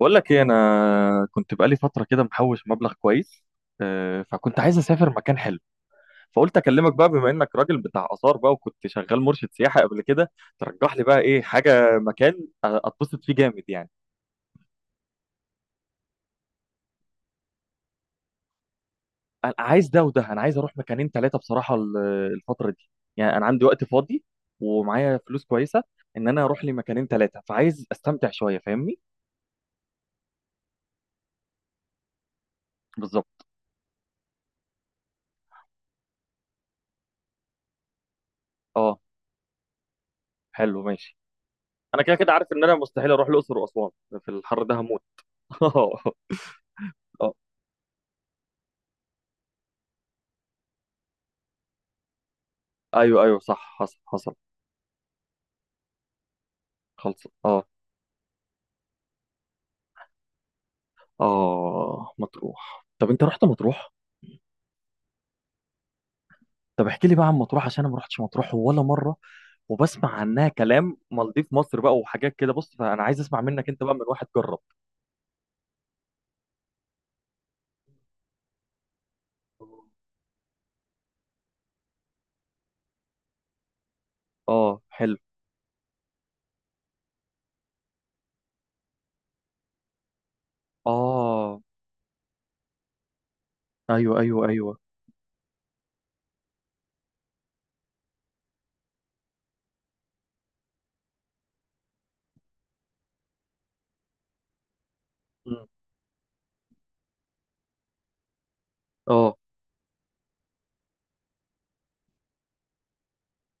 بقول لك ايه، انا كنت بقالي فتره كده محوش مبلغ كويس. فكنت عايز اسافر مكان حلو. فقلت اكلمك بقى، بما انك راجل بتاع اثار بقى وكنت شغال مرشد سياحه قبل كده. ترجح لي بقى ايه حاجه مكان اتبسط فيه جامد يعني. انا عايز ده وده، انا عايز اروح مكانين ثلاثه بصراحه الفتره دي. يعني انا عندي وقت فاضي ومعايا فلوس كويسه، ان انا اروح لي مكانين ثلاثه، فعايز استمتع شويه، فاهمني؟ بالظبط. اه، حلو، ماشي. انا كده كده عارف ان انا مستحيل اروح الاقصر واسوان في الحر ده، هموت. اه. ايوه ايوه، صح، حصل حصل. خلص اه. اه، مطروح. طب انت رحت مطروح؟ طب احكي لي بقى عن مطروح عشان انا ما رحتش مطروح ولا مره، وبسمع عنها كلام مالديف مصر بقى وحاجات كده. بص، فانا عايز اسمع منك انت بقى، من واحد جرب. اه حلو. اه، ايوه ايوه ايوه. مم. اه.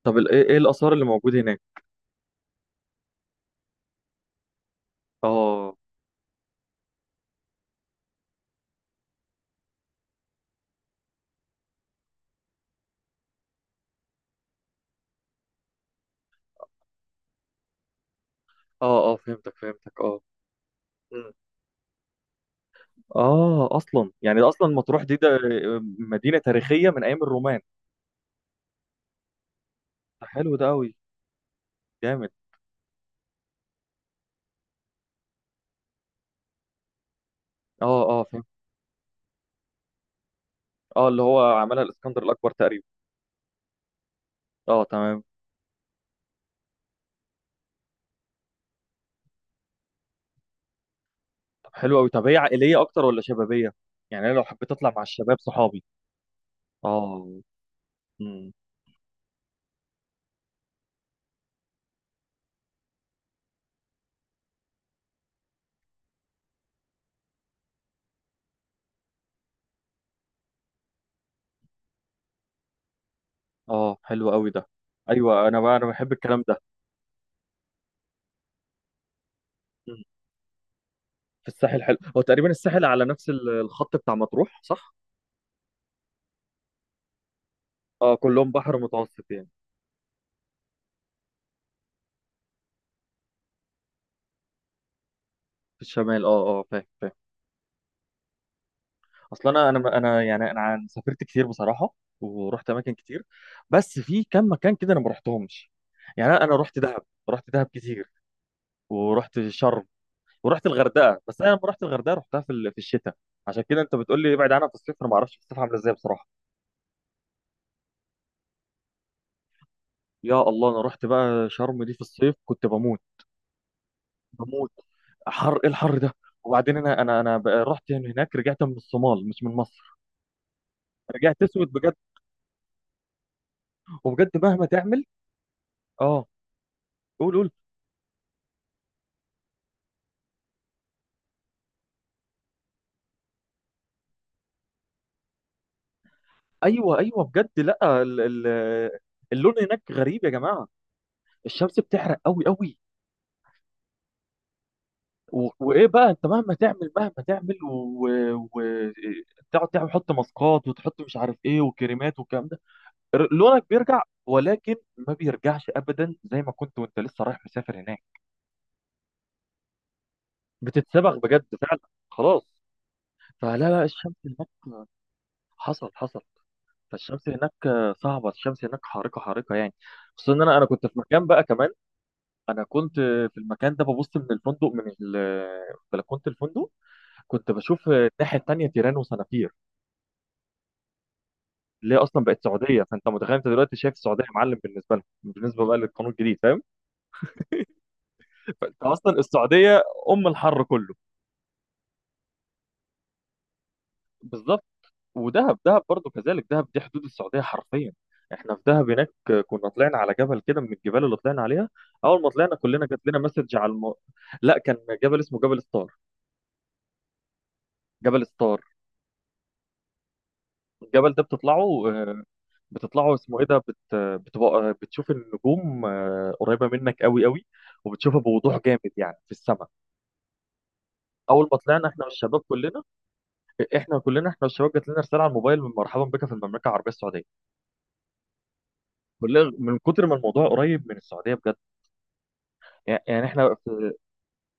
طب ال- ايه إيه الاثار اللي موجوده هناك؟ اه اه اه، فهمتك فهمتك، اه. مم. اه، يعني اصلا مطروح دي مدينه تاريخيه من ايام الرومان. ده حلو، ده قوي، جامد. اه اه، فهمت. اه، اللي هو عملها الاسكندر الاكبر تقريبا. اه، تمام. طب حلو قوي. طب هي عائليه اكتر ولا شبابيه؟ يعني انا لو حبيت اطلع مع الشباب صحابي. اه. امم اه، حلو قوي ده. ايوه، انا بقى انا بحب الكلام ده. مم. في الساحل حلو؟ هو تقريبا الساحل على نفس الخط بتاع مطروح، صح؟ اه، كلهم بحر متوسط يعني. في الشمال اه. اه، فاهم فاهم. اصل انا انا انا يعني سافرت كتير بصراحه، ورحت اماكن كتير، بس في كام مكان كده انا ما رحتهمش. يعني انا رحت دهب. رحت دهب كتير، ورحت شرم، ورحت الغردقه، بس انا لما رحت الغردقه رحتها في الشتاء. عشان كده انت بتقول لي ابعد عنها في الصيف. انا ما اعرفش في الصيف عامله ازاي بصراحه. يا الله، انا رحت بقى شرم دي في الصيف كنت بموت. بموت! حر، ايه الحر ده! وبعدين انا بقى رحت من هناك، رجعت من الصومال مش من مصر. رجعت اسود بجد. وبجد مهما تعمل. اه، قول قول. ايوه ايوه، بجد، لا ال ال اللون هناك غريب يا جماعه، الشمس بتحرق قوي قوي. وايه بقى، انت مهما تعمل، مهما تعمل وتقعد تعمل، تحط ماسكات وتحط مش عارف ايه وكريمات والكلام ده، لونك بيرجع ولكن ما بيرجعش ابدا زي ما كنت وانت لسه رايح مسافر هناك. بتتسبغ بجد فعلا. خلاص. فلا لا، الشمس هناك. حصل حصل. فالشمس هناك صعبة، الشمس هناك حارقة حارقة يعني. خصوصا ان انا كنت في مكان بقى كمان. انا كنت في المكان ده ببص من الفندق من بلكونة الفندق، كنت بشوف الناحية التانية، تيران وصنافير، اللي هي اصلا بقت سعوديه. فانت متخيل انت دلوقتي شايف السعوديه معلم بالنسبه لهم، بالنسبه بقى للقانون الجديد، فاهم؟ فانت اصلا السعوديه ام الحر كله. بالظبط. ودهب دهب برضو كذلك، دهب دي حدود السعوديه حرفيا. احنا في دهب هناك كنا طلعنا على جبل كده من الجبال اللي طلعنا عليها. اول ما طلعنا كلنا جات لنا مسج على لا، كان جبل اسمه جبل ستار. جبل ستار، الجبل ده بتطلعه، بتطلعه اسمه ايه ده بتبقى بتشوف النجوم قريبه منك قوي قوي، وبتشوفها بوضوح جامد يعني في السماء. اول ما طلعنا احنا والشباب كلنا، احنا كلنا احنا والشباب، جات لنا رساله على الموبايل: من مرحبا بك في المملكه العربيه السعوديه. كلنا من كتر ما الموضوع قريب من السعوديه بجد. يعني احنا في،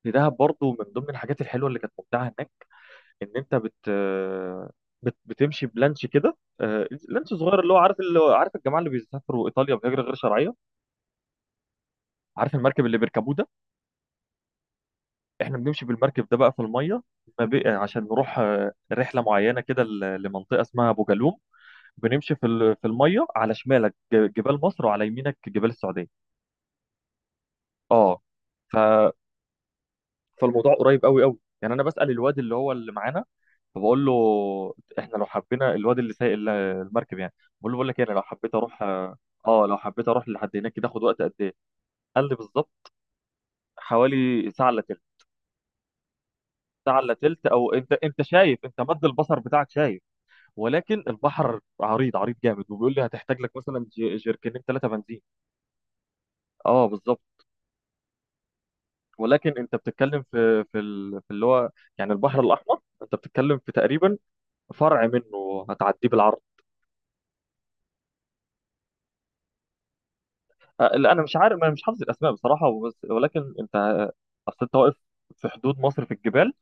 في دهب برضو من ضمن الحاجات الحلوه اللي كانت ممتعه هناك ان انت بت بت بتمشي بلانش كده، لانش صغير، اللي هو عارف الجماعه اللي بيسافروا ايطاليا بهجره غير شرعيه؟ عارف المركب اللي بيركبوه ده. احنا بنمشي بالمركب ده بقى في الميه. ما بي- عشان نروح رحله معينه كده لمنطقه اسمها بوجالوم. بنمشي في الميه، على شمالك جبال مصر وعلى يمينك جبال السعوديه. اه. ف فالموضوع قريب قوي قوي. يعني انا بسال الواد اللي هو اللي معانا، فبقول له: احنا لو حبينا، الواد اللي سايق المركب يعني، بقول لك إيه، انا لو حبيت اروح، اه لو حبيت اروح لحد هناك كده، اخد وقت قد ايه؟ قال لي بالظبط حوالي ساعه الا تلت. ساعه الا تلت، او انت شايف، انت مد البصر بتاعك شايف، ولكن البحر عريض عريض جامد. وبيقول لي هتحتاج لك مثلا جركنين ثلاثه بنزين. اه بالظبط. ولكن انت بتتكلم في في اللي هو يعني البحر الاحمر، انت بتتكلم في تقريبا فرع منه هتعديه بالعرض. لا انا مش عارف، انا مش حافظ الاسماء بصراحه وبس. ولكن انت، اصل انت واقف في حدود مصر في الجبال،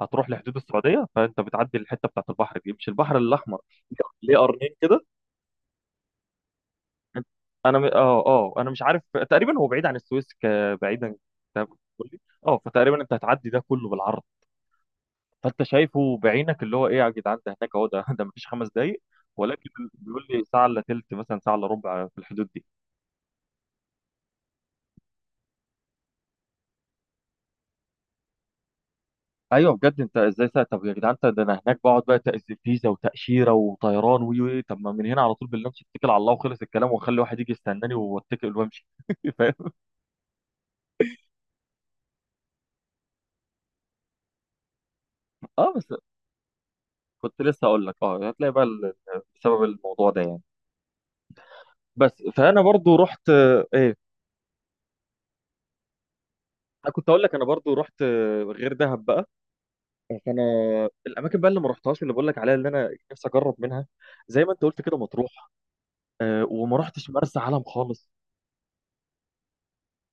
هتروح لحدود السعوديه، فانت بتعدي الحته بتاعت البحر دي، مش البحر الاحمر، ليه قرنين كده. انا م... اه اه انا مش عارف. تقريبا هو بعيد عن السويس بعيدا. تمام. قول لي. اه، فتقريبا انت هتعدي ده كله بالعرض. فانت شايفه بعينك، اللي هو ايه يا جدعان ده، هناك اهو ده، ده مفيش 5 دقايق. ولكن بيقول لي ساعه الا تلت، مثلا ساعه الا ربع في الحدود دي. ايوه بجد، انت ازاي ساعه؟ طب يا جدعان انت، ده انا هناك بقعد بقى تأذي فيزا وتاشيره وطيران وي وي، طب ما من هنا على طول باللانش اتكل على الله وخلص الكلام، واخلي واحد يجي يستناني واتكل وامشي. فاهم؟ اه بس، كنت لسه اقول لك، اه هتلاقي بقى بسبب الموضوع ده يعني. بس، فانا برضو رحت آه، ايه انا كنت اقول لك انا برضو رحت، غير دهب بقى، فانا الاماكن بقى اللي ما رحتهاش اللي بقول لك عليها اللي انا نفسي اجرب منها، زي ما انت قلت كده، مطروح. أه، وما رحتش مرسى علم خالص.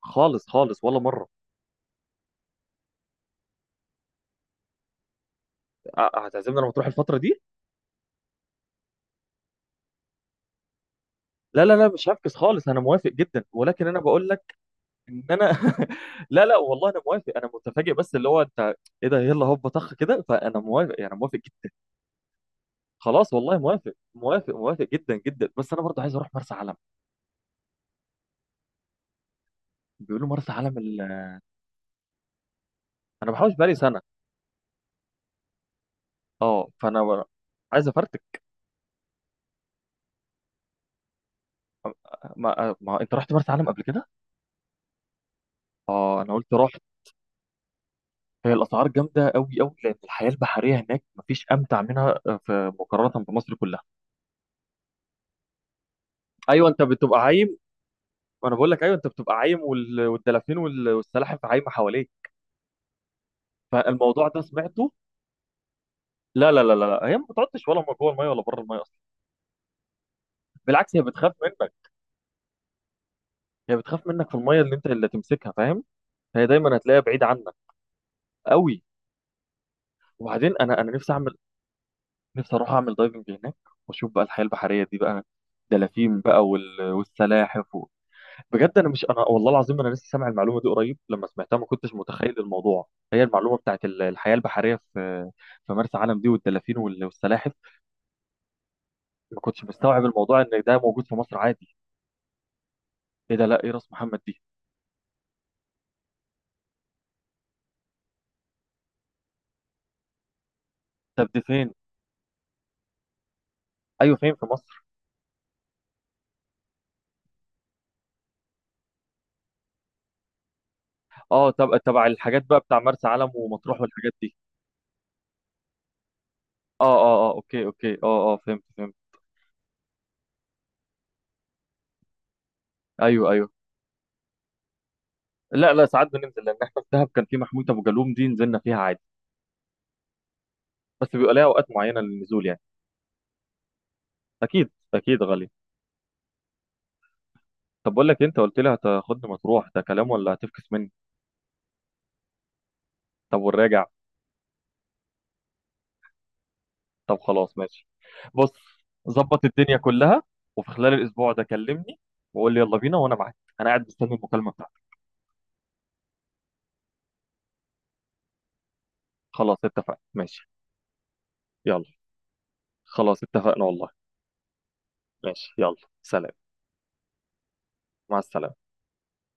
خالص خالص، ولا مره. أه، هتعزمني انا مطروح الفتره دي. لا لا لا، مش هفكس خالص، انا موافق جدا، ولكن انا بقول لك ان انا لا لا والله انا موافق، انا متفاجئ بس، اللي هو انت ايه ده، يلا هوب طخ كده، فانا موافق، يعني موافق جدا. خلاص والله موافق موافق موافق جدا جدا. بس انا برضه عايز اروح مرسى علم. بيقولوا مرسى علم انا بحوش بقالي سنه. اه، فانا عايز افرتك. ما، ما انت رحت مرسى علم قبل كده؟ اه، انا قلت رحت. هي الاسعار جامده قوي قوي، لان الحياه البحريه هناك مفيش امتع منها، في مقارنه بمصر كلها. ايوه، انت بتبقى عايم. وانا بقول لك، ايوه انت بتبقى عايم والدلافين والسلاحف عايمه حواليك. فالموضوع ده سمعته. لا لا لا لا لا. هي ما بتقعدش ولا جوه الميه ولا بره الميه اصلا. بالعكس، هي بتخاف منك. هي بتخاف منك في الميه، اللي انت اللي تمسكها فاهم. هي دايما هتلاقيها بعيد عنك قوي. وبعدين انا نفسي اعمل، نفسي اروح اعمل دايفنج هناك، واشوف بقى الحياه البحريه دي بقى، دلافين بقى والسلاحف بجد، انا مش، انا والله العظيم انا لسه سامع المعلومه دي قريب، لما سمعتها ما كنتش متخيل الموضوع، هي المعلومه بتاعت الحياه البحريه في، في مرسى علم دي، والدلافين والسلاحف. ما كنتش مستوعب الموضوع ان ده موجود في مصر عادي. ايه ده، لا، ايه راس محمد دي؟ طب دي فين؟ ايوه، فين في مصر؟ اه، طب تبع الحاجات بقى بتاع مرسى علم ومطروح والحاجات دي؟ اه اه اه، اوكي اوكي، اه اه، فهمت فهمت. ايوه ايوه. لا لا، ساعات بننزل، لان احنا في دهب كان في محمود ابو جالوم دي نزلنا فيها عادي، بس بيبقى ليها اوقات معينه للنزول يعني. اكيد اكيد، غالي. طب بقول لك إيه، انت قلت لي هتاخدني مطروح، ده كلام ولا هتفكس مني؟ طب والراجع؟ طب خلاص، ماشي. بص، ظبط الدنيا كلها، وفي خلال الاسبوع ده كلمني وقول لي يلا بينا وانا معاك، انا قاعد مستني المكالمه بتاعتك. خلاص اتفقنا، ماشي. يلا. خلاص اتفقنا والله. ماشي، يلا. سلام. مع السلامه.